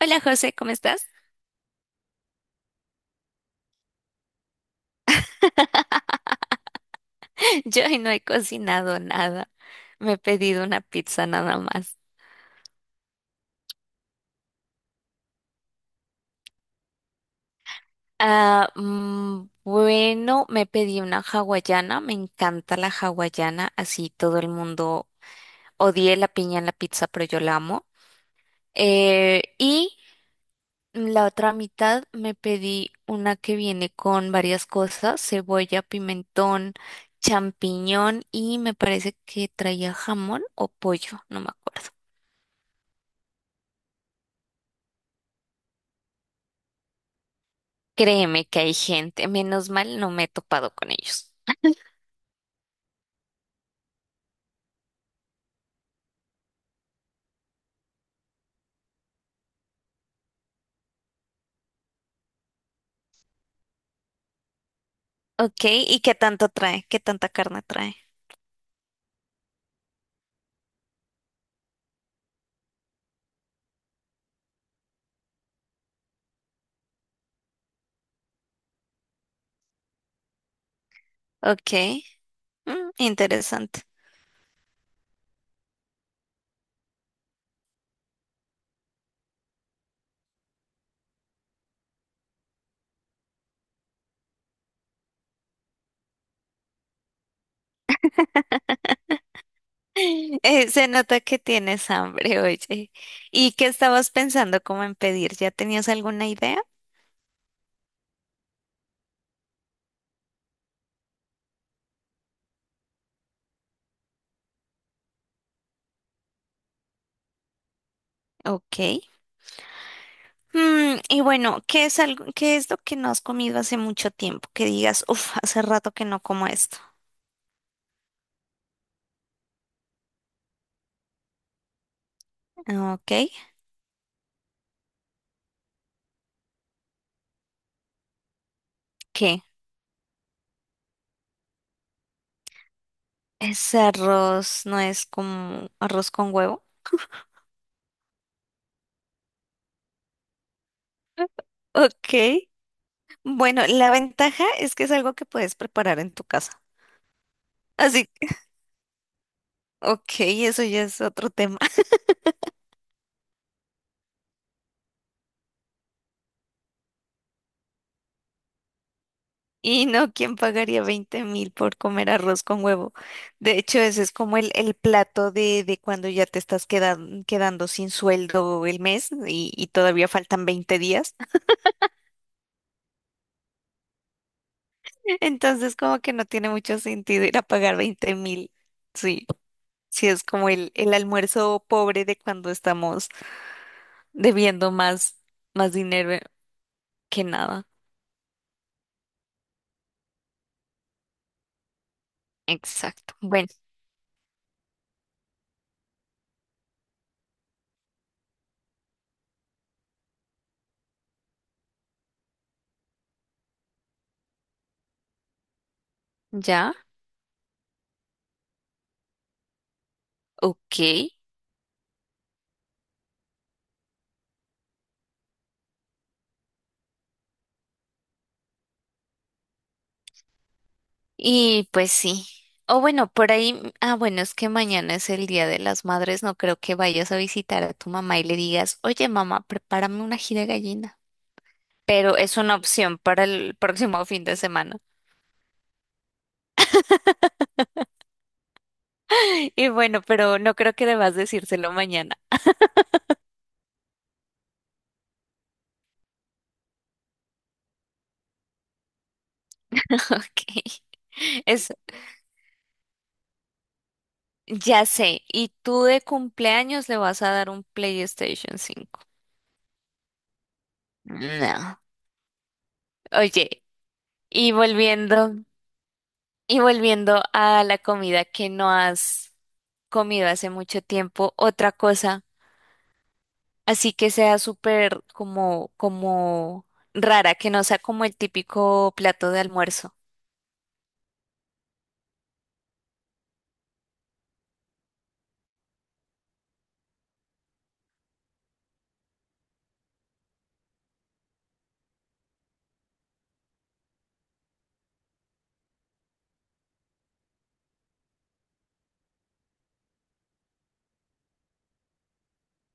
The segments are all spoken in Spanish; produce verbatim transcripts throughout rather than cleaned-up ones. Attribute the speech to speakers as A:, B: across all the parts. A: Hola José, ¿cómo estás? Yo hoy no he cocinado nada. Me he pedido una pizza nada más. Ah, mm, bueno, Me pedí una hawaiana. Me encanta la hawaiana. Así todo el mundo odié la piña en la pizza, pero yo la amo. Eh, y la otra mitad me pedí una que viene con varias cosas: cebolla, pimentón, champiñón y me parece que traía jamón o pollo, no me acuerdo. Créeme que hay gente, menos mal no me he topado con ellos. Ok, ¿y qué tanto trae? ¿Qué tanta carne trae? Ok, mm, interesante. Eh, se nota que tienes hambre, oye. ¿Y qué estabas pensando como en pedir? ¿Ya tenías alguna idea? Ok. Mm, y bueno, ¿qué es algo, qué es lo que no has comido hace mucho tiempo? Que digas, uff, hace rato que no como esto. Ok. ¿Qué? ¿Ese arroz no es como arroz con huevo? Ok. Bueno, la ventaja es que es algo que puedes preparar en tu casa. Así que, ok, eso ya es otro tema. Y no, ¿quién pagaría veinte mil por comer arroz con huevo? De hecho, ese es como el, el plato de, de cuando ya te estás quedan- quedando sin sueldo el mes y, y todavía faltan veinte días. Entonces, como que no tiene mucho sentido ir a pagar veinte mil. Sí, sí, es como el, el almuerzo pobre de cuando estamos debiendo más, más dinero que nada. Exacto. Bueno, ya, ok. Y pues sí. O bueno, por ahí, ah, bueno, es que mañana es el Día de las Madres, no creo que vayas a visitar a tu mamá y le digas, oye mamá, prepárame una gira de gallina. Pero es una opción para el próximo fin de semana. Y bueno, pero no creo que debas decírselo mañana. Ok. Es, ya sé. ¿Y tú de cumpleaños le vas a dar un PlayStation cinco. No. Oye, y volviendo. Y volviendo a la comida que no has comido hace mucho tiempo, otra cosa, así que sea súper como, como rara, que no sea como el típico plato de almuerzo.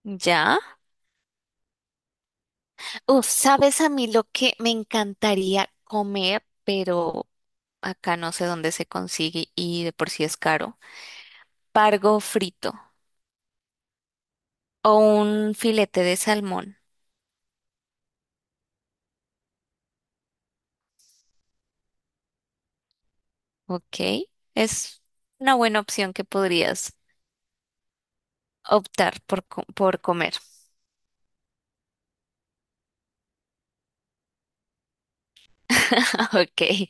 A: ¿Ya? Uf, ¿sabes a mí lo que me encantaría comer, pero acá no sé dónde se consigue y de por sí es caro? Pargo frito o un filete de salmón, ¿ok? Es una buena opción que podrías optar por, co- por comer. Ok.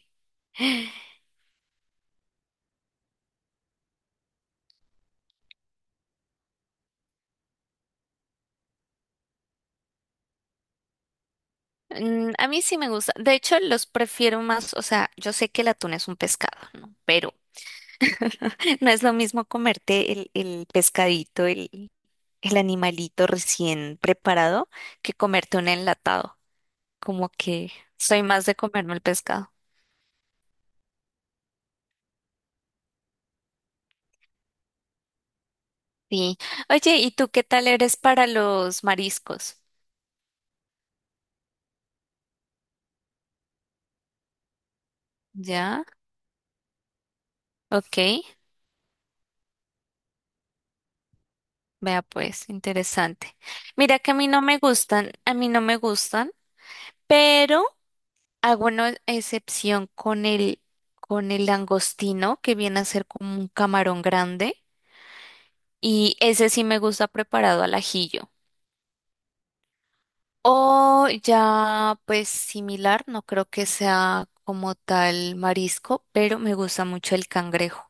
A: Mm, a mí sí me gusta. De hecho, los prefiero más, o sea, yo sé que el atún es un pescado, ¿no? Pero no es lo mismo comerte el, el pescadito, el, el animalito recién preparado, que comerte un enlatado. Como que soy más de comerme el pescado. Sí. Oye, ¿y tú qué tal eres para los mariscos? ¿Ya? Ok. Vea pues, interesante. Mira que a mí no me gustan, a mí no me gustan, pero... Hago una excepción con el, con el langostino, que viene a ser como un camarón grande, y ese sí me gusta preparado al ajillo. O ya, pues similar, no creo que sea como tal marisco, pero me gusta mucho el cangrejo.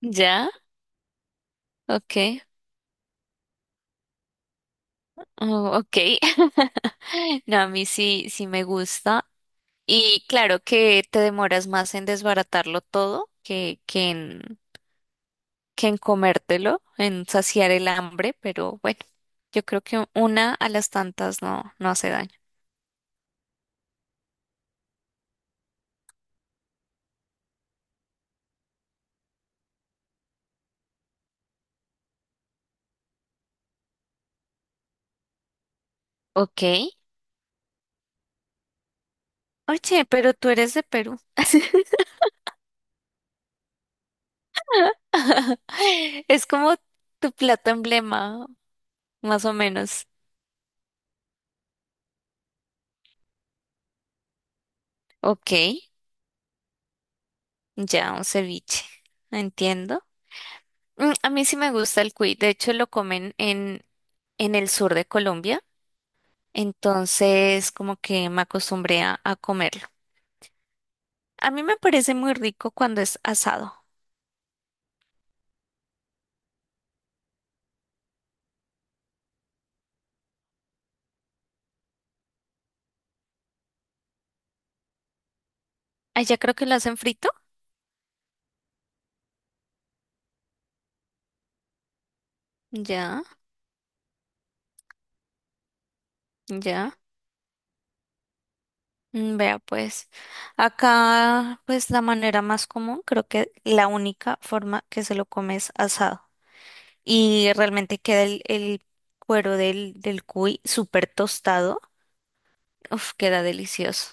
A: ¿Ya? Ok. Oh, ok. No, a mí sí, sí me gusta. Y claro que te demoras más en desbaratarlo todo que, que en que en comértelo, en saciar el hambre, pero bueno, yo creo que una a las tantas no, no hace daño. Ok. Oye, pero tú eres de Perú. Es como tu plato emblema, más o menos. Ok, ya un ceviche. Entiendo. Mm, A mí sí me gusta el cuy. De hecho, lo comen en, en el sur de Colombia. Entonces, como que me acostumbré a, a comerlo. A mí me parece muy rico cuando es asado. Ah, ya creo que lo hacen frito. Ya, ya. Mm, Vea, pues acá, pues la manera más común, creo que la única forma que se lo come es asado. Y realmente queda el, el cuero del, del cuy súper tostado. Uf, queda delicioso.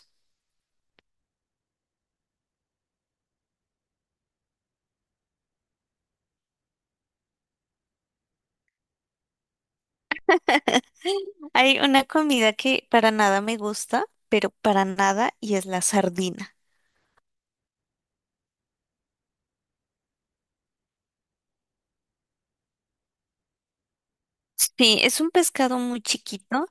A: Hay una comida que para nada me gusta, pero para nada, y es la sardina. Sí, es un pescado muy chiquito.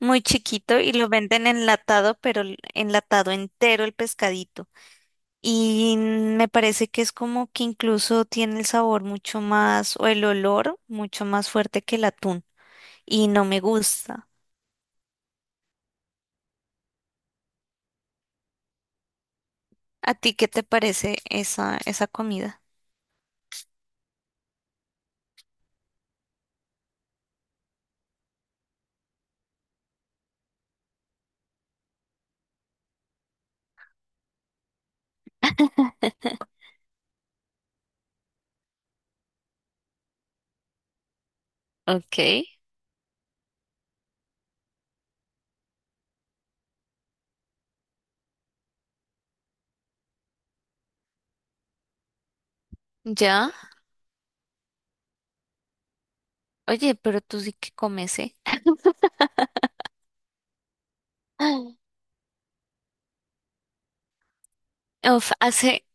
A: Muy chiquito y lo venden enlatado, pero l- enlatado entero el pescadito. Y me parece que es como que incluso tiene el sabor mucho más, o el olor mucho más fuerte que el atún. Y no me gusta. ¿A ti qué te parece esa, esa comida? Ok, ya. Oye, pero tú sí que comes, ¿eh? Uf, hace,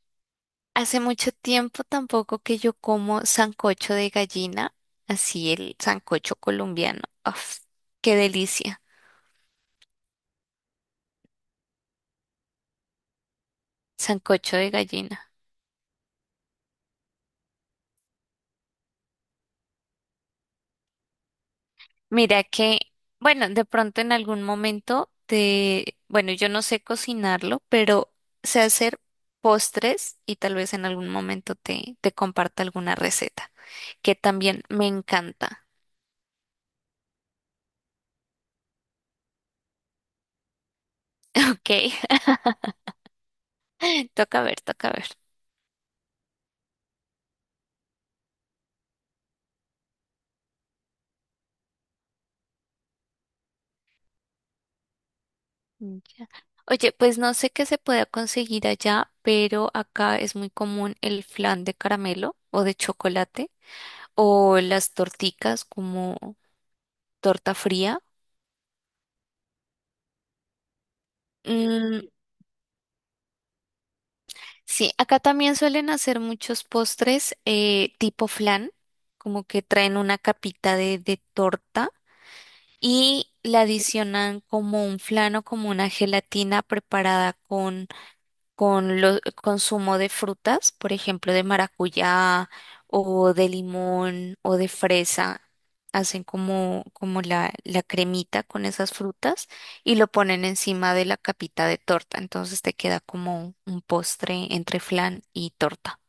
A: hace mucho tiempo tampoco que yo como sancocho de gallina, así el sancocho colombiano. Uf, qué delicia, sancocho de gallina. Mira que, bueno, de pronto en algún momento te, bueno, yo no sé cocinarlo, pero sé hacer postres y tal vez en algún momento te, te comparta alguna receta, que también me encanta. Ok, toca ver, toca ver. Ya. Oye, pues no sé qué se pueda conseguir allá, pero acá es muy común el flan de caramelo o de chocolate o las torticas como torta fría. Mm, Sí, acá también suelen hacer muchos postres eh, tipo flan, como que traen una capita de, de torta y la adicionan como un flan o como una gelatina preparada con los consumo de frutas, por ejemplo, de maracuyá o de limón o de fresa. Hacen como, como la, la cremita con esas frutas y lo ponen encima de la capita de torta. Entonces te queda como un postre entre flan y torta.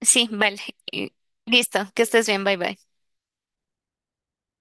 A: Sí, vale. Eh, Listo, que estés bien, bye bye.